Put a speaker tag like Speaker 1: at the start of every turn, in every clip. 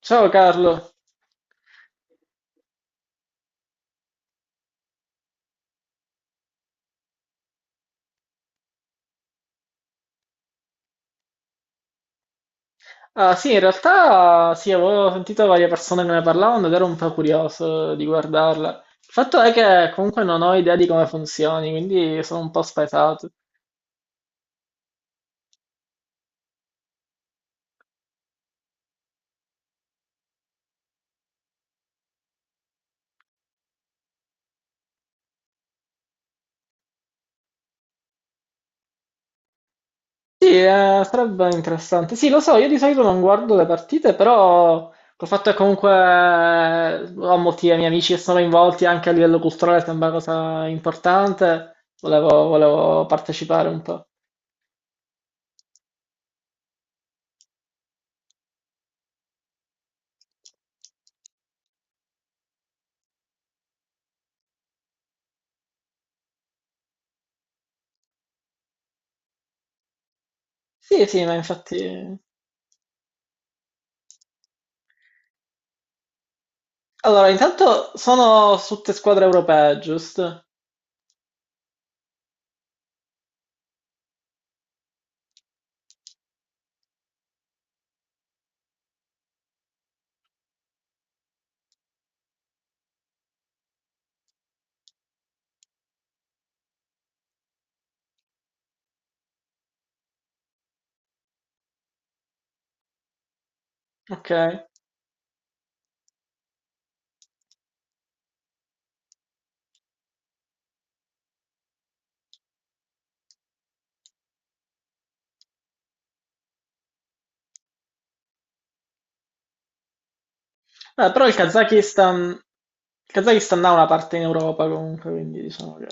Speaker 1: Ciao Carlo. Ah, sì, in realtà sì, avevo sentito varie persone che ne parlavano ed ero un po' curioso di guardarla. Il fatto è che comunque non ho idea di come funzioni, quindi sono un po' spaesato. Sì, sarebbe interessante. Sì, lo so, io di solito non guardo le partite, però col fatto che comunque ho molti miei amici che sono coinvolti anche a livello culturale, sembra una cosa importante, volevo partecipare un po'. Sì, sì, ma infatti... Allora, intanto sono su tutte squadre europee, giusto? Ok. Però il Kazakistan ha una parte in Europa comunque, quindi diciamo che...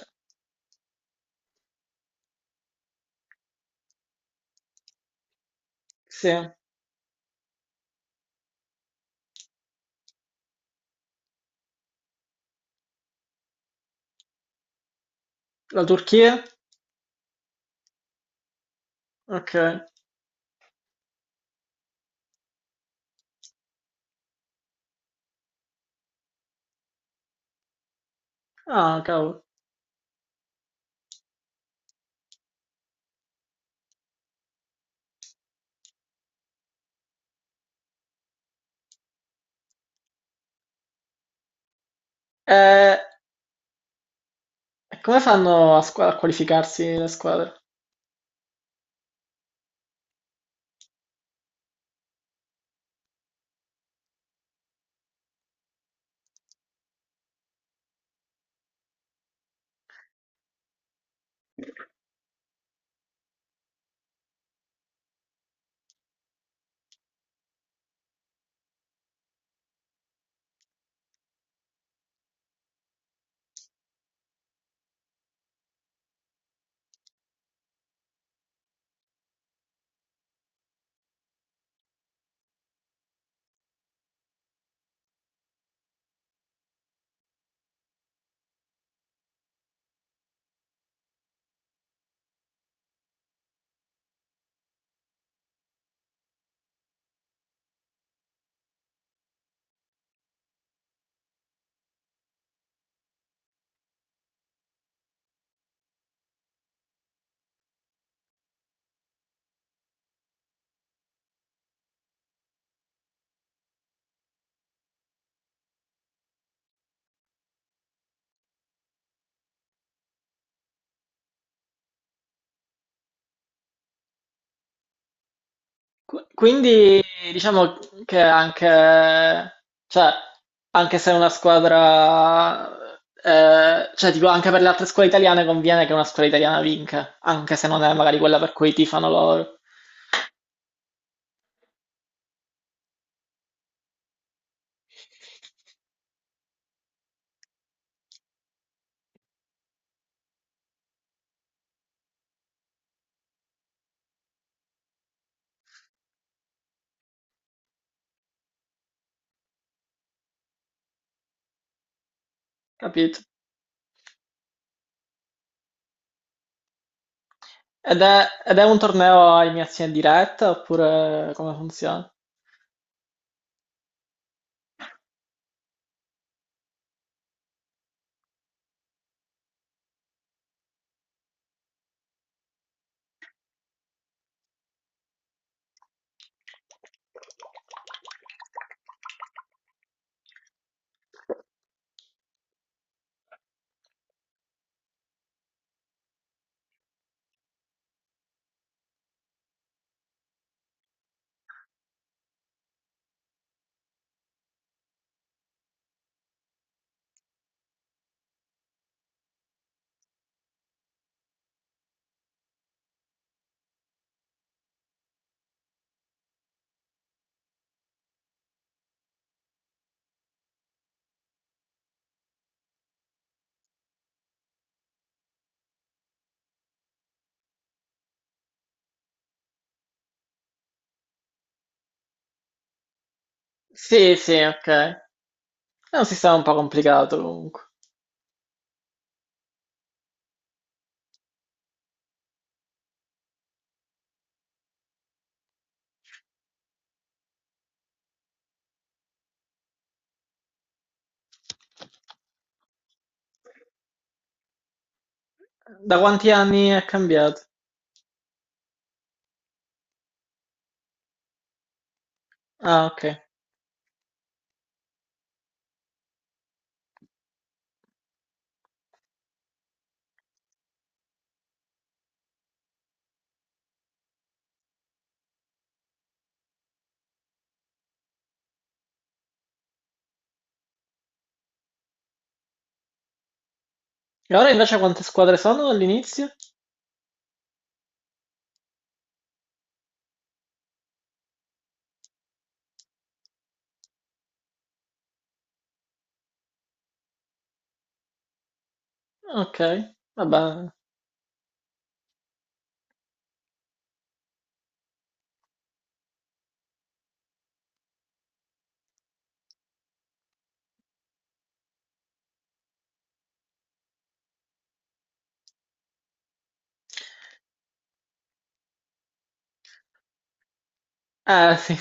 Speaker 1: Sì, la Turchia? Ok. Ah, cavolo. Eh, E come fanno a, a qualificarsi le squadre? Quindi diciamo che anche, cioè, anche se una squadra, cioè tipo anche per le altre scuole italiane conviene che una scuola italiana vinca, anche se non è magari quella per cui tifano loro, capito? Ed è un torneo a eliminazione diretta oppure come funziona? Sì, sì, ok. È un sistema un po' complicato comunque. Da quanti anni è cambiato? Ah, ok. E ora invece quante squadre sono all'inizio? Okay, vabbè. Eh sì.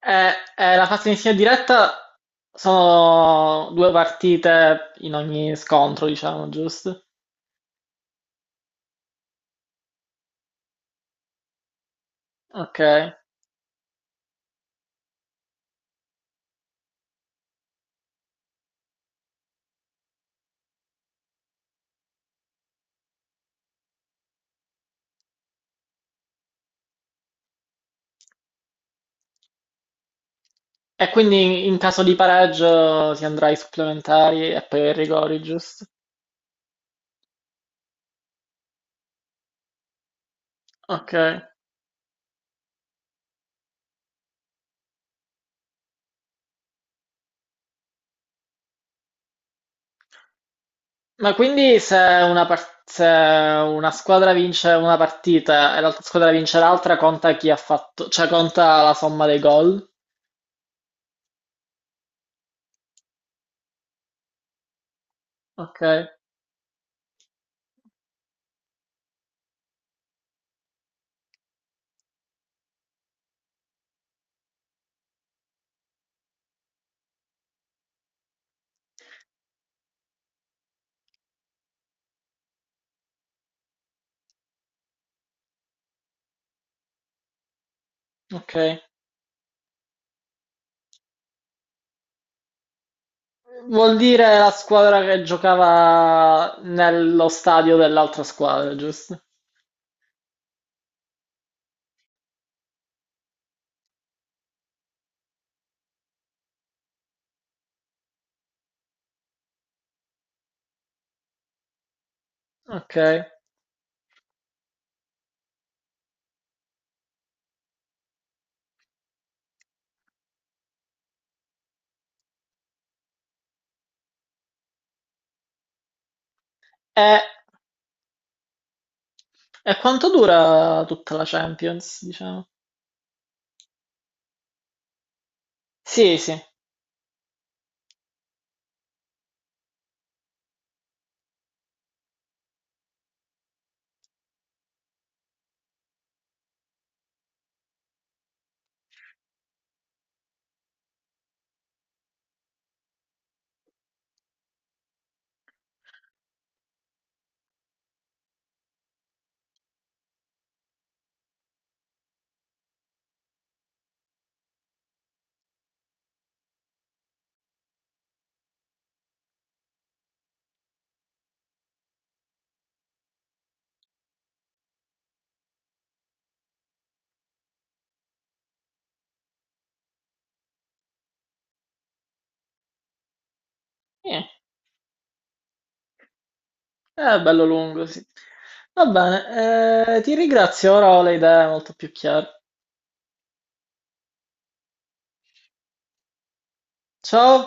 Speaker 1: La fase iniziale diretta sono due partite in ogni scontro, diciamo, giusto? Okay. E quindi in caso di pareggio si andrà ai supplementari e poi ai rigori, giusto? Okay. Ma quindi se una, se una squadra vince una partita e l'altra squadra vince l'altra, conta chi ha fatto, cioè conta la somma dei gol? Ok, ok. Vuol dire la squadra che giocava nello stadio dell'altra squadra, giusto? Ok. E, e quanto dura tutta la Champions, diciamo? Sì, sì. Eh, è bello lungo, sì. Va bene, ti ringrazio, ora ho le idee molto più chiare. Ciao!